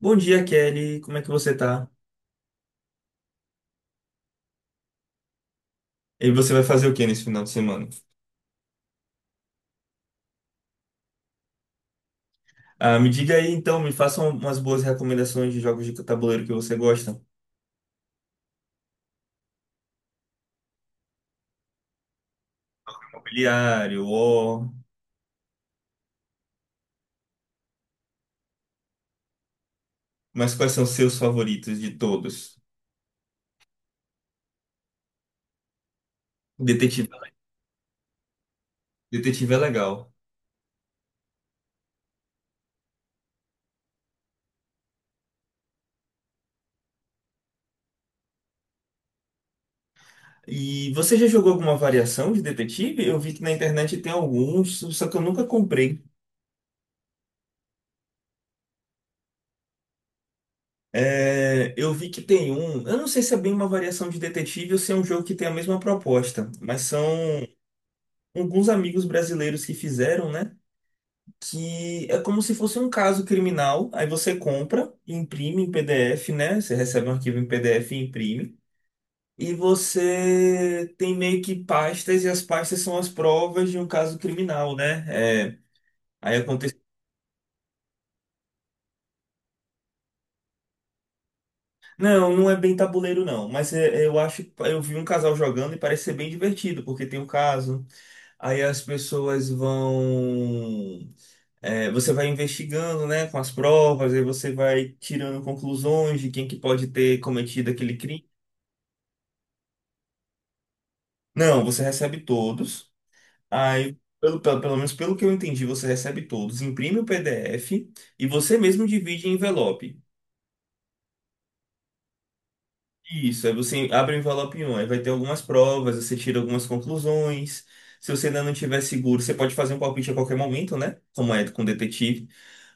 Bom dia, Kelly. Como é que você tá? E você vai fazer o que nesse final de semana? Ah, me diga aí, então, me faça umas boas recomendações de jogos de tabuleiro que você gosta. Mobiliário, War. Mas quais são os seus favoritos de todos? Detetive, detetive é legal. E você já jogou alguma variação de detetive? Eu vi que na internet tem alguns, só que eu nunca comprei. É, eu vi que tem um. Eu não sei se é bem uma variação de detetive ou se é um jogo que tem a mesma proposta, mas são alguns amigos brasileiros que fizeram, né? Que é como se fosse um caso criminal. Aí você compra, imprime em PDF, né? Você recebe um arquivo em PDF e imprime. E você tem meio que pastas, e as pastas são as provas de um caso criminal, né? É, aí acontece. Não, não é bem tabuleiro, não. Mas eu acho. Eu vi um casal jogando e parece ser bem divertido, porque tem o caso. Aí as pessoas vão. É, você vai investigando, né, com as provas, aí você vai tirando conclusões de quem que pode ter cometido aquele crime. Não, você recebe todos. Aí, pelo menos pelo que eu entendi, você recebe todos, imprime o PDF e você mesmo divide em envelope. Isso, aí você abre o envelope um, aí vai ter algumas provas, você tira algumas conclusões. Se você ainda não tiver seguro, você pode fazer um palpite a qualquer momento, né? Como é com detetive.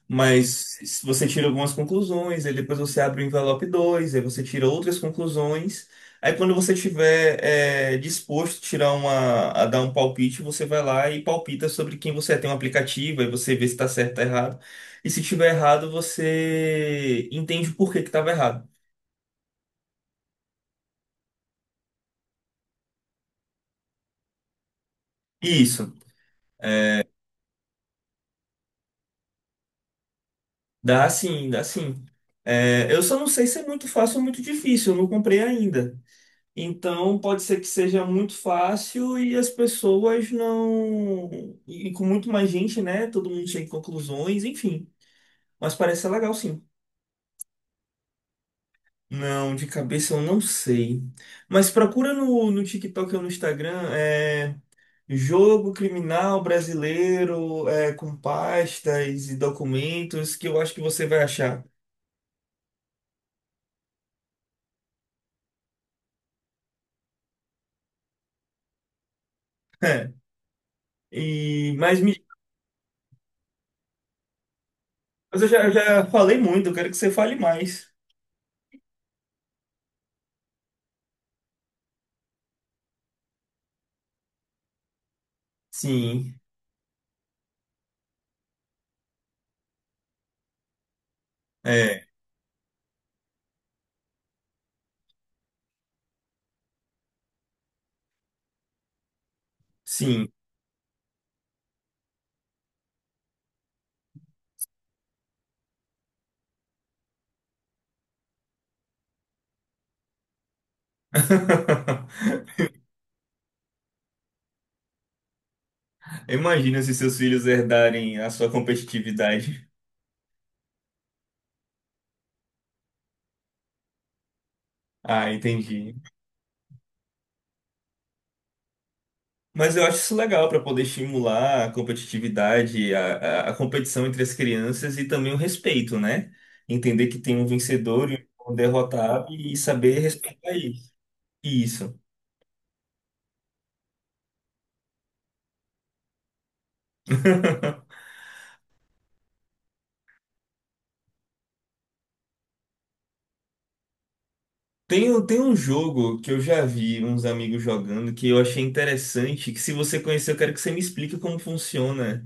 Mas se você tira algumas conclusões, aí depois você abre o envelope 2, aí você tira outras conclusões. Aí quando você tiver disposto a tirar uma, a dar um palpite, você vai lá e palpita sobre quem você é. Tem um aplicativo, aí você vê se está certo ou tá errado. E se tiver errado, você entende por que que estava errado. Isso. Dá sim, dá sim. É, eu só não sei se é muito fácil ou muito difícil, eu não comprei ainda. Então pode ser que seja muito fácil e as pessoas não. E com muito mais gente, né? Todo mundo chega em conclusões, enfim. Mas parece ser legal sim. Não, de cabeça eu não sei. Mas procura no TikTok ou no Instagram, jogo criminal brasileiro, com pastas e documentos, que eu acho que você vai achar. É. E Mas eu já falei muito, eu quero que você fale mais. Sim, é, sim. Imagina se seus filhos herdarem a sua competitividade. Ah, entendi. Mas eu acho isso legal para poder estimular a competitividade, a competição entre as crianças e também o respeito, né? Entender que tem um vencedor e um derrotado e saber respeitar isso. Isso. Tem um jogo que eu já vi uns amigos jogando que eu achei interessante, que se você conhecer, eu quero que você me explique como funciona.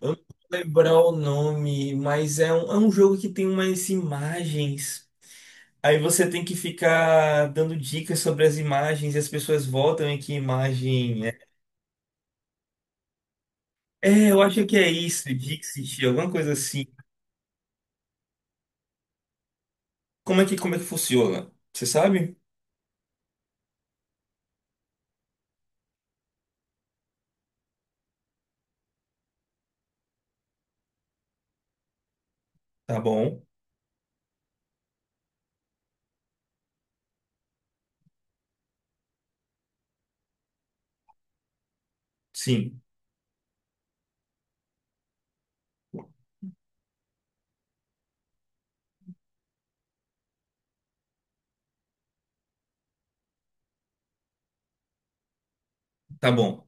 Eu não vou lembrar o nome, mas é um jogo que tem umas imagens. Aí você tem que ficar dando dicas sobre as imagens e as pessoas votam em que imagem é. É, eu acho que é isso, Dixit, alguma coisa assim. Como é que funciona? Você sabe? Tá bom. Sim. Tá bom.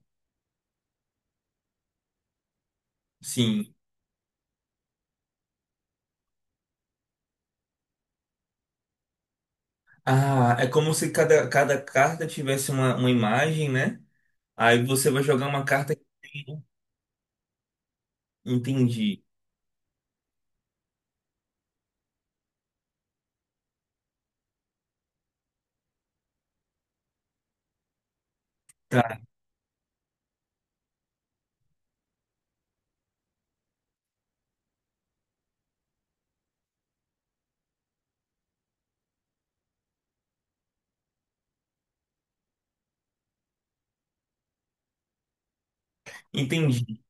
Sim. Ah, é como se cada carta tivesse uma imagem, né? Aí você vai jogar uma carta que tem. Né? Entendi. Tá, entendi.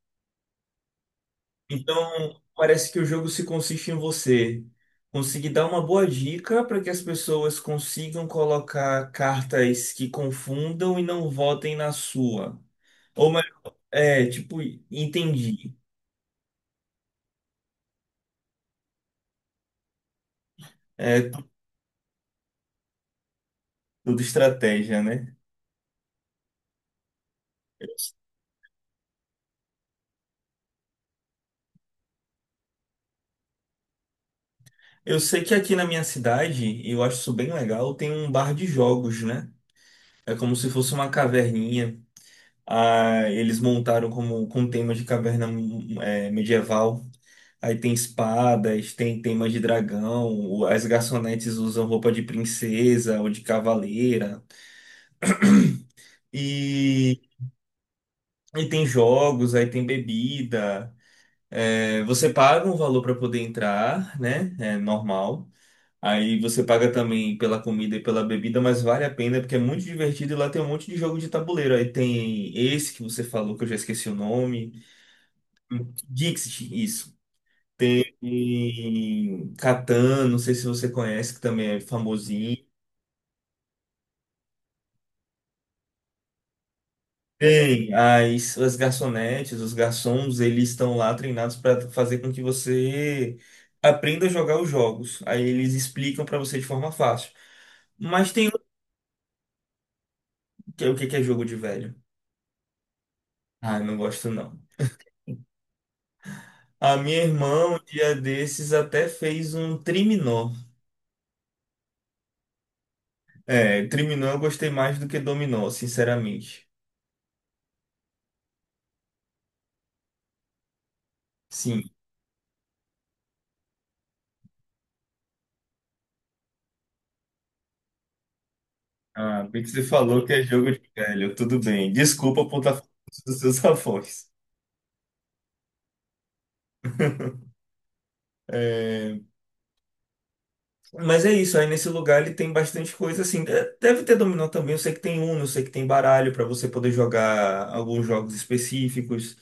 Então, parece que o jogo se consiste em você conseguir dar uma boa dica para que as pessoas consigam colocar cartas que confundam e não votem na sua. Ou, me- é, tipo, entendi. É tudo estratégia, né? Eu sei que aqui na minha cidade, e eu acho isso bem legal, tem um bar de jogos, né? É como se fosse uma caverninha. Ah, eles montaram como com tema de caverna, é, medieval. Aí tem espadas, tem temas de dragão, as garçonetes usam roupa de princesa ou de cavaleira. E, e tem jogos, aí tem bebida. É, você paga um valor para poder entrar, né? É normal. Aí você paga também pela comida e pela bebida, mas vale a pena porque é muito divertido e lá tem um monte de jogo de tabuleiro. Aí tem esse que você falou, que eu já esqueci o nome. Dixit, isso. Tem Catan, não sei se você conhece, que também é famosinho. Tem as garçonetes, os garçons, eles estão lá treinados para fazer com que você aprenda a jogar os jogos. Aí eles explicam para você de forma fácil. Mas tem um que é o que que é jogo de velho. Ah, não gosto não. A minha irmã, um dia desses, até fez um triminó. É, triminó eu gostei mais do que dominó, sinceramente. Sim. Ah, a você falou que é jogo de velho, tudo bem. Desculpa por estar falando dos seus avós. É, mas é isso, aí nesse lugar ele tem bastante coisa assim. Deve ter dominó também, eu sei que tem Uno, eu sei que tem baralho para você poder jogar alguns jogos específicos.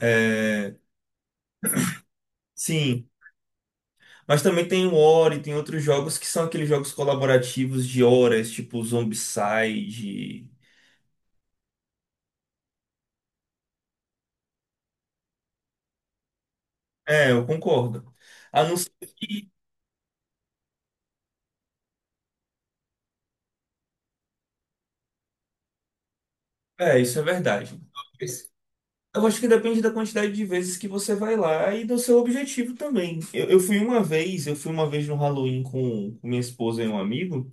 É. Sim. Mas também tem o Ori, tem outros jogos que são aqueles jogos colaborativos de horas, tipo Zombicide. É, eu concordo. A não ser que. É, isso é verdade. Eu acho que depende da quantidade de vezes que você vai lá e do seu objetivo também. Eu fui uma vez, eu fui uma vez no Halloween com minha esposa e um amigo,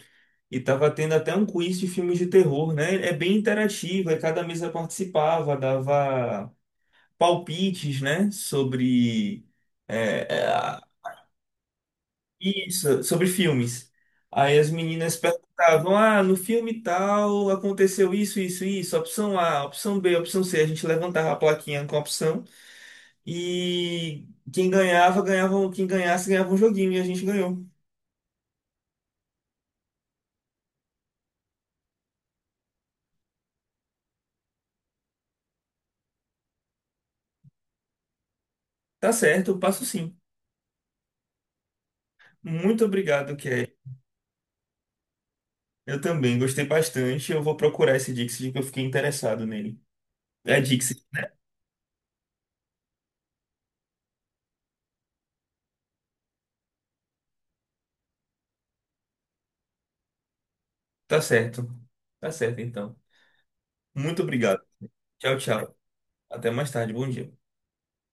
e tava tendo até um quiz de filmes de terror, né? É bem interativo, aí cada mesa participava, dava palpites, né? Sobre. É, é, Isso, sobre filmes. Aí as meninas perguntavam: ah, no filme tal aconteceu isso, isso, isso, opção A, opção B, opção C. A gente levantava a plaquinha com a opção e quem ganhasse, ganhava um joguinho e a gente ganhou. Tá certo, eu passo sim. Muito obrigado, Kelly. Eu também gostei bastante. Eu vou procurar esse Dixit que eu fiquei interessado nele. É Dixit, tá certo. Tá certo, então. Muito obrigado. Tchau, tchau. Até mais tarde. Bom dia.